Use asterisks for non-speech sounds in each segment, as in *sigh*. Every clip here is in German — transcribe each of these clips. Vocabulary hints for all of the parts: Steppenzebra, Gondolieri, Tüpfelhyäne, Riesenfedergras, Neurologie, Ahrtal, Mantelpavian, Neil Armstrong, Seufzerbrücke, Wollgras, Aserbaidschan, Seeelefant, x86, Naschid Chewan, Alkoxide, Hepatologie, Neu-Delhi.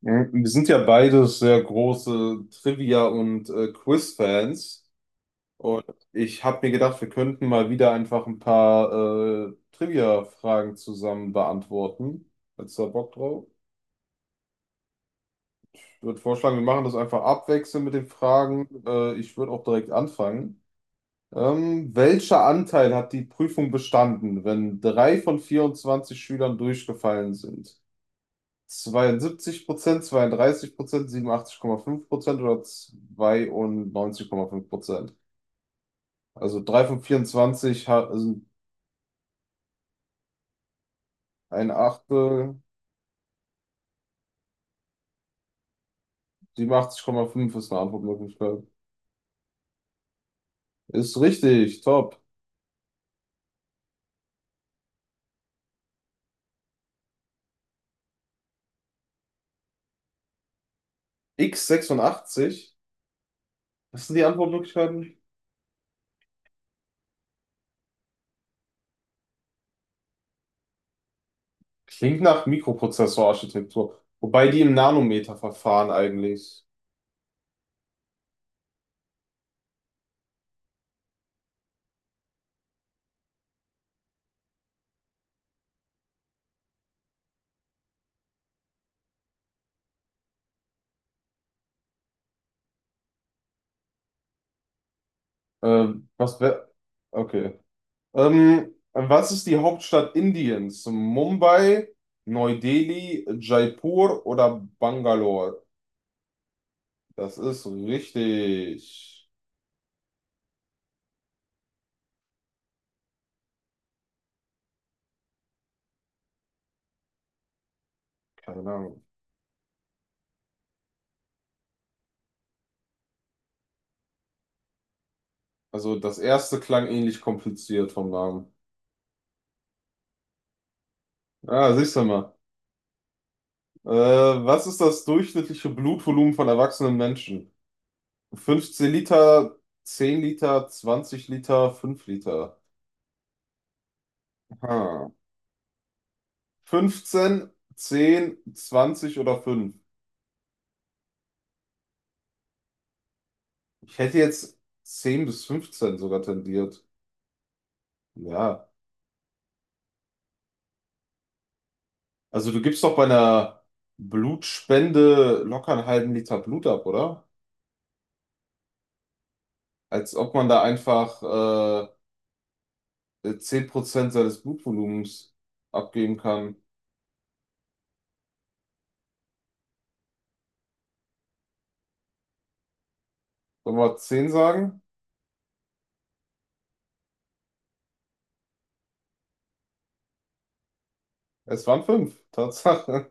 Mhm. Wir sind ja beide sehr große Trivia- und Quiz-Fans. Und ich habe mir gedacht, wir könnten mal wieder einfach ein paar Trivia-Fragen zusammen beantworten. Hättest du da Bock drauf? Ich würde vorschlagen, wir machen das einfach abwechselnd mit den Fragen. Ich würde auch direkt anfangen. Welcher Anteil hat die Prüfung bestanden, wenn drei von 24 Schülern durchgefallen sind? 72%, 32%, 87,5% oder 92,5%? Also 3 von 24 sind ein Achtel, 87,5 ist eine Antwortmöglichkeit. Ist richtig, top. x86, was sind die Antwortmöglichkeiten? Klingt nach Mikroprozessorarchitektur. Wobei die im Nanometerverfahren eigentlich. Was wär. Okay. Was ist die Hauptstadt Indiens? Mumbai, Neu-Delhi, Jaipur oder Bangalore? Das ist richtig. Keine Ahnung. Also das erste klang ähnlich kompliziert vom Namen. Ah, siehst du mal. Äh, Was ist das durchschnittliche Blutvolumen von erwachsenen Menschen? 15 Liter, 10 Liter, 20 Liter, 5 Liter. Aha. 15, 10, 20 oder 5? Ich hätte jetzt 10 bis 15 sogar tendiert. Ja. Also du gibst doch bei einer Blutspende locker einen halben Liter Blut ab, oder? Als ob man da einfach 10% seines Blutvolumens abgeben kann. Sollen wir zehn sagen? Es waren fünf *laughs* Tatsache.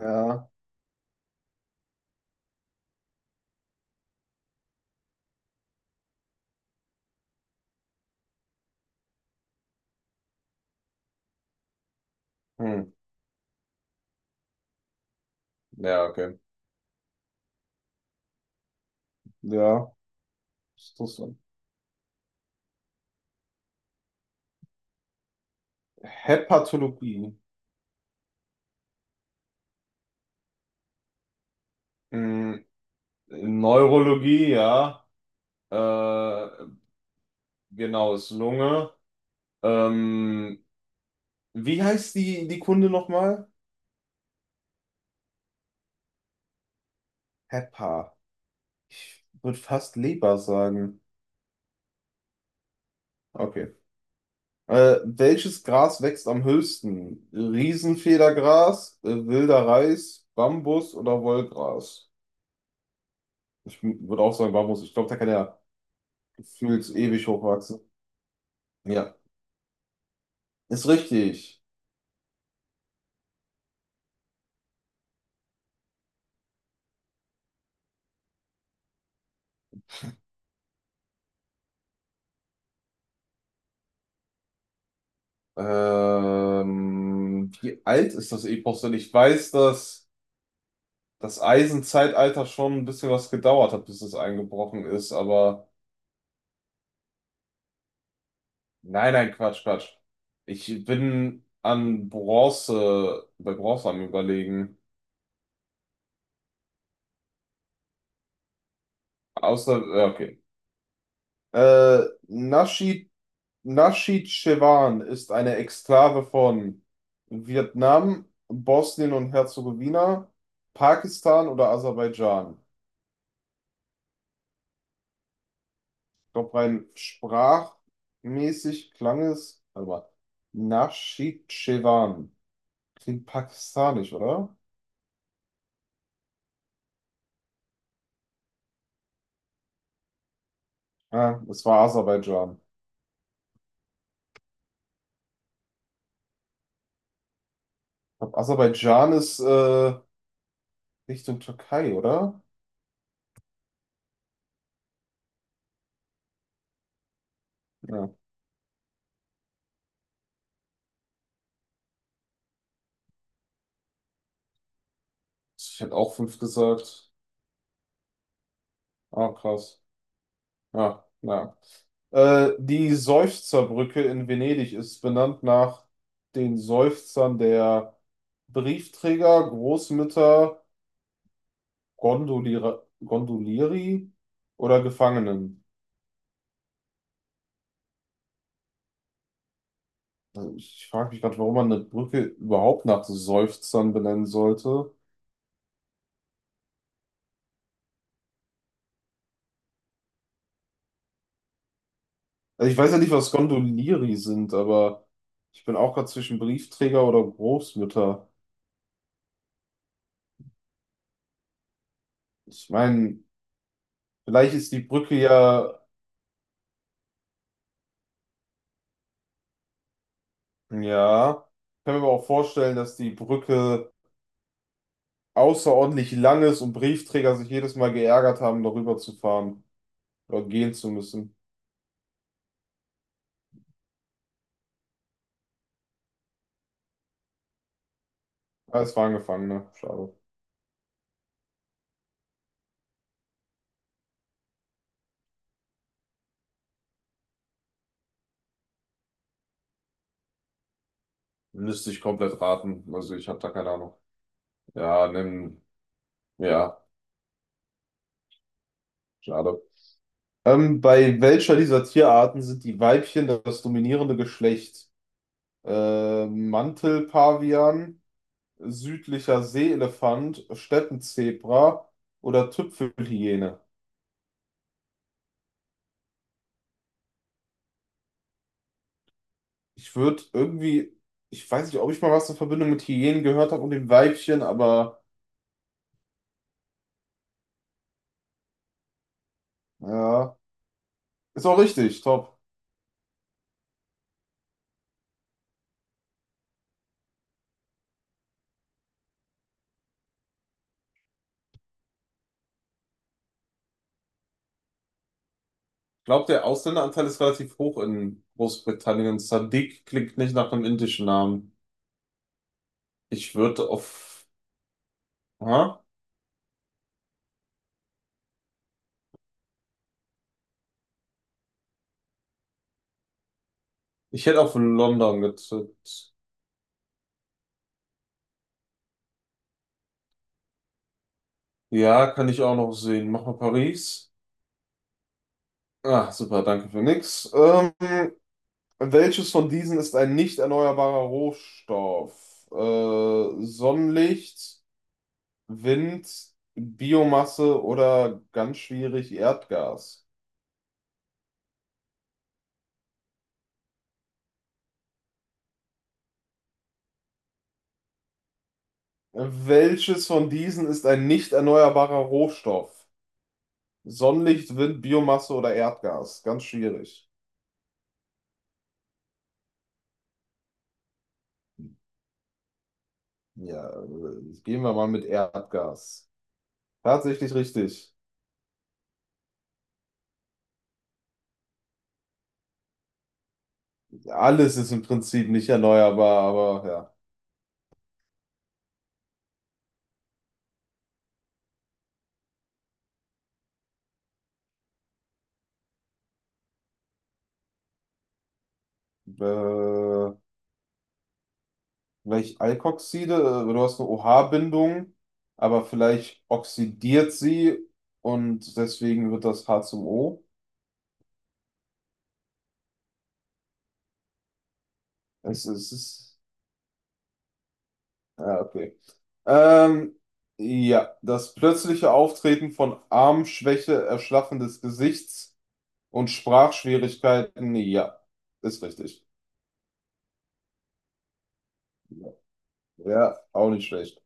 Ja. Hm. Ja, okay. Ja. Ist das so? Hepatologie. Hm. Neurologie, ja. Äh, genau, ist Lunge. Ähm, Wie heißt die Kunde nochmal? Heppa. Ich würde fast Leber sagen. Okay. Welches Gras wächst am höchsten? Riesenfedergras, wilder Reis, Bambus oder Wollgras? Ich würde auch sagen Bambus. Ich glaube, da kann er gefühlt ewig hochwachsen. Ja, ist richtig. Wie alt ist das Epos denn? Ich weiß, dass das Eisenzeitalter schon ein bisschen was gedauert hat, bis es eingebrochen ist, aber. Nein, nein, Quatsch, Quatsch. Ich bin an Bronze, bei Bronze am Überlegen. Außer, okay. Äh, Naschid, Naschid Chewan ist eine Exklave von Vietnam, Bosnien und Herzegowina, Pakistan oder Aserbaidschan. Ich glaube, rein sprachmäßig klang es, warte mal, Naschid Chewan. Klingt pakistanisch, oder? Ah, es war Aserbaidschan. Ich glaub, Aserbaidschan ist Richtung Türkei, oder? Ja. Ich hätte auch fünf gesagt. Ah, krass. Ja, naja. Die Seufzerbrücke in Venedig ist benannt nach den Seufzern der Briefträger, Großmütter, Gondoliere, Gondolieri oder Gefangenen. Also ich frage mich gerade, warum man eine Brücke überhaupt nach Seufzern benennen sollte. Also ich weiß ja nicht, was Gondolieri sind, aber ich bin auch gerade zwischen Briefträger oder Großmütter. Ich meine, vielleicht ist die Brücke ja, ja, ich kann mir aber auch vorstellen, dass die Brücke außerordentlich lang ist und Briefträger sich jedes Mal geärgert haben, darüber zu fahren oder gehen zu müssen. Ah, es waren Gefangene, schade. Müsste ich komplett raten, also ich habe da keine Ahnung. Ja, nimm, ja, schade. Bei welcher dieser Tierarten sind die Weibchen das dominierende Geschlecht? Mantelpavian, südlicher Seeelefant, Steppenzebra oder Tüpfelhyäne. Ich würde irgendwie, ich weiß nicht, ob ich mal was in Verbindung mit Hyänen gehört habe und dem Weibchen, aber ja, ist auch richtig, top. Ich glaube, der Ausländeranteil ist relativ hoch in Großbritannien. Sadiq klingt nicht nach einem indischen Namen. Ich würde auf, ha? Ich hätte auf London getippt. Ja, kann ich auch noch sehen. Mach mal Paris. Ah, super, danke für nix. Welches von diesen ist ein nicht erneuerbarer Rohstoff? Sonnenlicht, Wind, Biomasse oder ganz schwierig Erdgas? Welches von diesen ist ein nicht erneuerbarer Rohstoff? Sonnenlicht, Wind, Biomasse oder Erdgas? Ganz schwierig. Ja, gehen wir mal mit Erdgas. Tatsächlich richtig. Alles ist im Prinzip nicht erneuerbar, aber ja. Vielleicht Alkoxide, du hast eine OH-Bindung, aber vielleicht oxidiert sie und deswegen wird das H zum O. Es ist, es ist, ja, okay. Ähm, ja, das plötzliche Auftreten von Armschwäche, Erschlaffen des Gesichts und Sprachschwierigkeiten, ja, ist richtig. Ja, auch nicht schlecht.